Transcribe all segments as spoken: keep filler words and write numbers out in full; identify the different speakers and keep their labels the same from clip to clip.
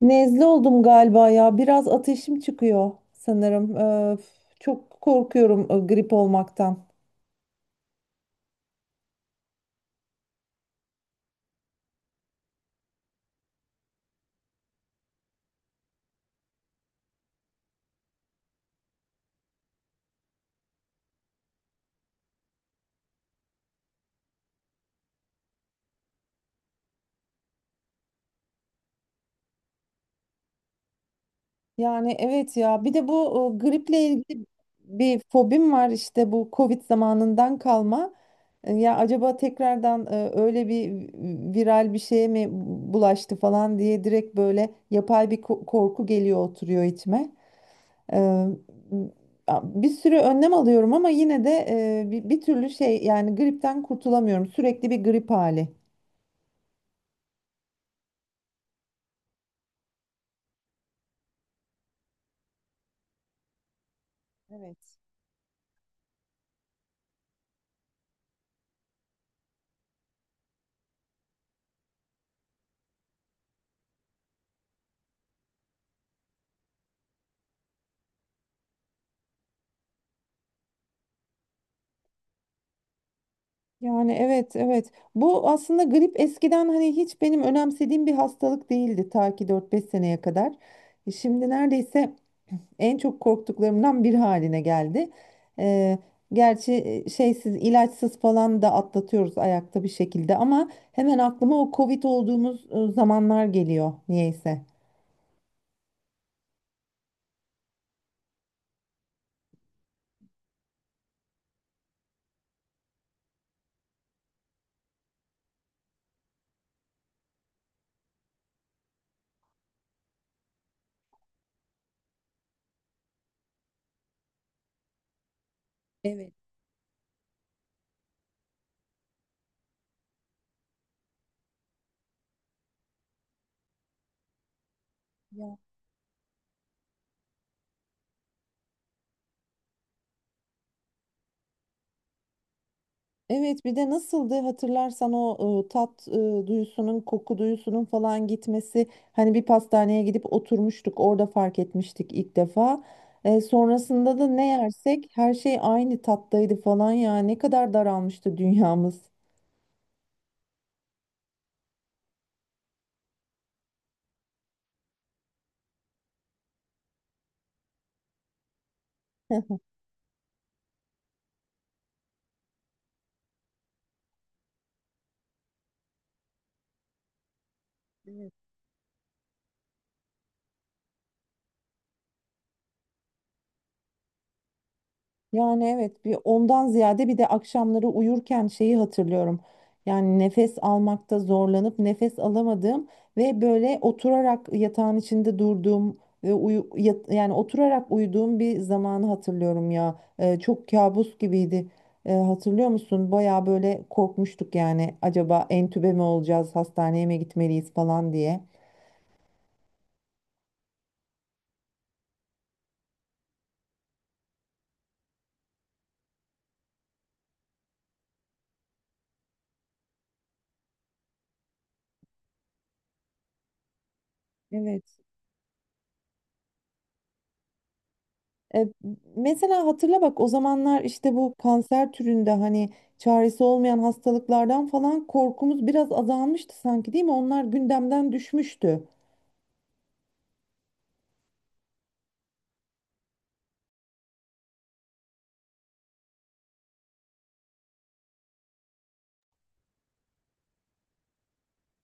Speaker 1: Nezle oldum galiba ya. Biraz ateşim çıkıyor sanırım. Ee, f- çok korkuyorum e, grip olmaktan. Yani evet ya. Bir de bu e, griple ilgili bir fobim var, işte bu Covid zamanından kalma. E, Ya acaba tekrardan e, öyle bir viral bir şeye mi bulaştı falan diye direkt böyle yapay bir ko- korku geliyor, oturuyor içime. Eee, Bir sürü önlem alıyorum ama yine de eee, bir, bir türlü şey, yani gripten kurtulamıyorum. Sürekli bir grip hali. Evet. Yani evet evet. Bu aslında grip eskiden hani hiç benim önemsediğim bir hastalık değildi, ta ki dört beş seneye kadar. E, Şimdi neredeyse en çok korktuklarımdan bir haline geldi. Eee, Gerçi e, şeysiz, ilaçsız falan da atlatıyoruz ayakta bir şekilde, ama hemen aklıma o Covid olduğumuz e, zamanlar geliyor niyeyse. Evet. Ya. Evet, bir de nasıldı hatırlarsan o e, tat e, duyusunun, koku duyusunun falan gitmesi. Hani bir pastaneye gidip oturmuştuk, orada fark etmiştik ilk defa. E, sonrasında da ne yersek her şey aynı tattaydı falan ya, ne kadar daralmıştı dünyamız. Yani evet, bir ondan ziyade bir de akşamları uyurken şeyi hatırlıyorum. Yani nefes almakta zorlanıp nefes alamadığım ve böyle oturarak yatağın içinde durduğum ve uyu, yat- yani oturarak uyuduğum bir zamanı hatırlıyorum ya. Ee, çok kabus gibiydi. Ee, hatırlıyor musun? Baya böyle korkmuştuk, yani acaba entübe mi olacağız, hastaneye mi gitmeliyiz falan diye. Evet. E, Mesela hatırla bak, o zamanlar işte bu kanser türünde hani çaresi olmayan hastalıklardan falan korkumuz biraz azalmıştı sanki, değil mi? Onlar gündemden düşmüştü.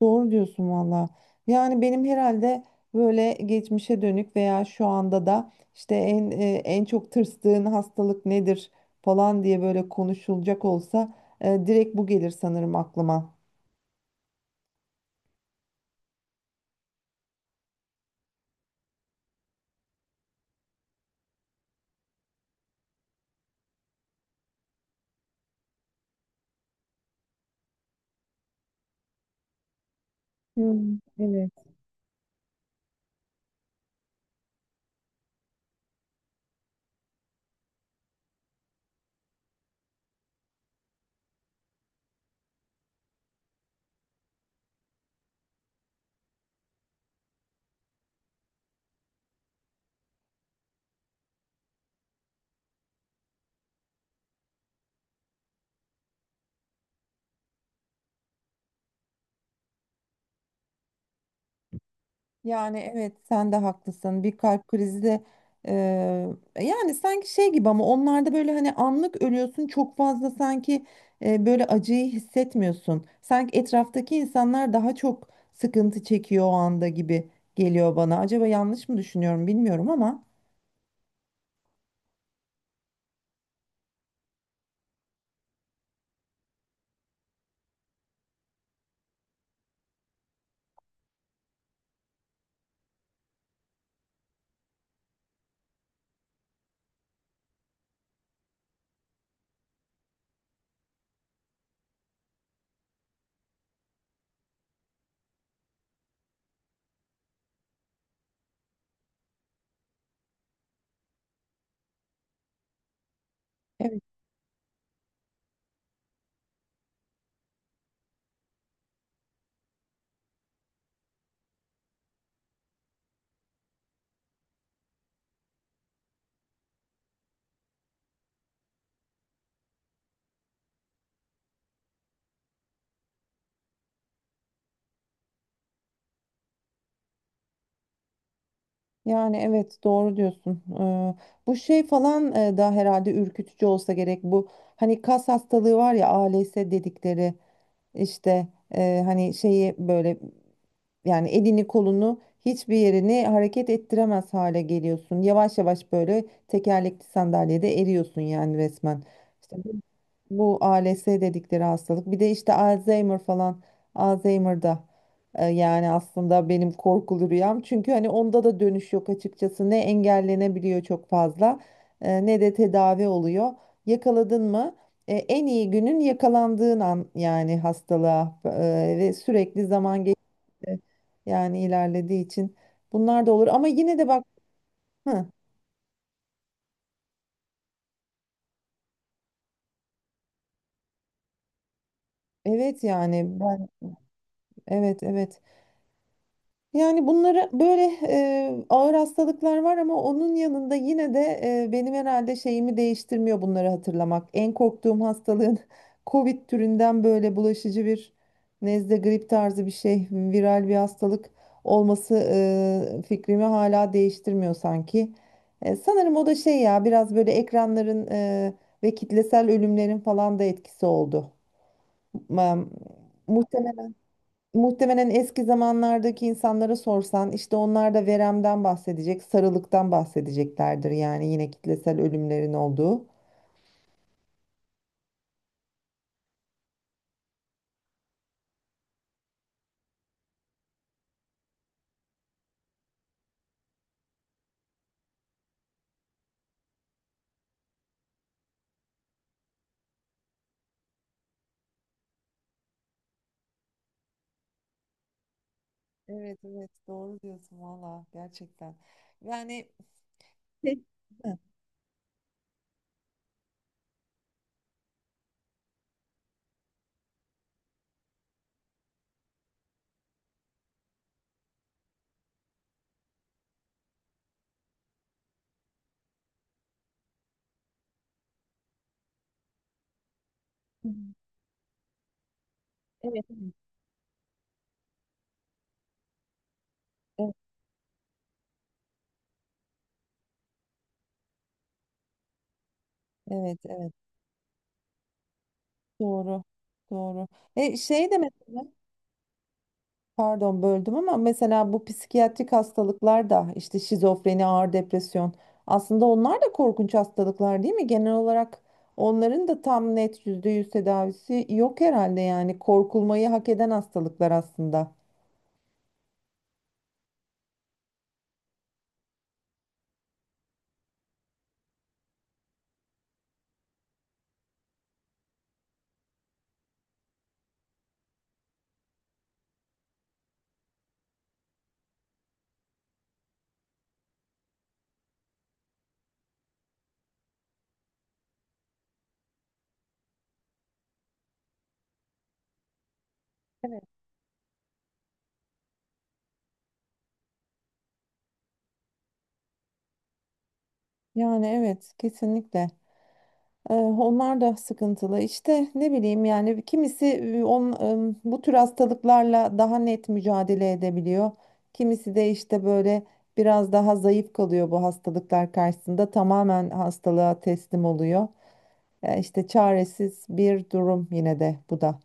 Speaker 1: Doğru diyorsun valla. Yani benim herhalde böyle geçmişe dönük veya şu anda da işte en e, en çok tırstığın hastalık nedir falan diye böyle konuşulacak olsa e, direkt bu gelir sanırım aklıma. Hmm, evet. Yani evet, sen de haklısın. Bir kalp krizi de eee, yani sanki şey gibi, ama onlarda böyle hani anlık ölüyorsun çok fazla, sanki e, böyle acıyı hissetmiyorsun. Sanki etraftaki insanlar daha çok sıkıntı çekiyor o anda gibi geliyor bana. Acaba yanlış mı düşünüyorum bilmiyorum ama. Evet. Yani evet, doğru diyorsun. Eee, bu şey falan e, da herhalde ürkütücü olsa gerek bu. Hani kas hastalığı var ya, A L S dedikleri işte e, hani şeyi böyle, yani elini kolunu hiçbir yerini hareket ettiremez hale geliyorsun. Yavaş yavaş böyle tekerlekli sandalyede eriyorsun yani, resmen. İşte bu, bu A L S dedikleri hastalık. Bir de işte Alzheimer falan. Alzheimer'da e, yani aslında benim korkulu rüyam. Çünkü hani onda da dönüş yok açıkçası. Ne engellenebiliyor çok fazla e, ne de tedavi oluyor. Yakaladın mı? E, en iyi günün yakalandığın an, yani hastalığa e, ve sürekli zaman e, yani ilerlediği için, bunlar da olur ama yine de bak, hı, evet, yani ben, evet evet. Yani bunları böyle e, ağır hastalıklar var, ama onun yanında yine de e, benim herhalde şeyimi değiştirmiyor bunları hatırlamak. En korktuğum hastalığın Covid türünden böyle bulaşıcı bir nezle, grip tarzı bir şey, viral bir hastalık olması e, fikrimi hala değiştirmiyor sanki. E, sanırım o da şey ya, biraz böyle ekranların e, ve kitlesel ölümlerin falan da etkisi oldu. Ma- Muhtemelen. Muhtemelen eski zamanlardaki insanlara sorsan, işte onlar da veremden bahsedecek, sarılıktan bahsedeceklerdir. Yani yine kitlesel ölümlerin olduğu. Evet evet, doğru diyorsun valla, gerçekten. Yani Şey- hı. Hı. Evet evet, evet evet, doğru doğru. E şey de mesela, pardon böldüm ama, mesela bu psikiyatrik hastalıklar da, işte şizofreni, ağır depresyon, aslında onlar da korkunç hastalıklar değil mi? Genel olarak onların da tam net yüzde yüz tedavisi yok herhalde, yani korkulmayı hak eden hastalıklar aslında. Yani evet kesinlikle. Ee, Onlar da sıkıntılı. İşte ne bileyim, yani kimisi e, on, e, bu tür hastalıklarla daha net mücadele edebiliyor. Kimisi de işte böyle biraz daha zayıf kalıyor bu hastalıklar karşısında. Tamamen hastalığa teslim oluyor. Ee, İşte çaresiz bir durum yine de bu da.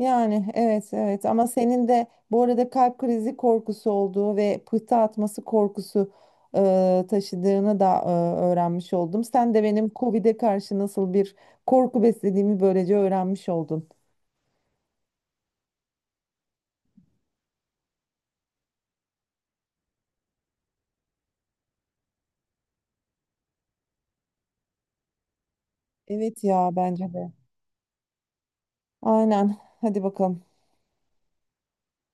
Speaker 1: Yani evet evet, ama senin de bu arada kalp krizi korkusu olduğu ve pıhtı atması korkusu e, taşıdığını da e, öğrenmiş oldum. Sen de benim COVID'e karşı nasıl bir korku beslediğimi böylece öğrenmiş oldun. Evet ya, bence de. Aynen. Hadi bakalım.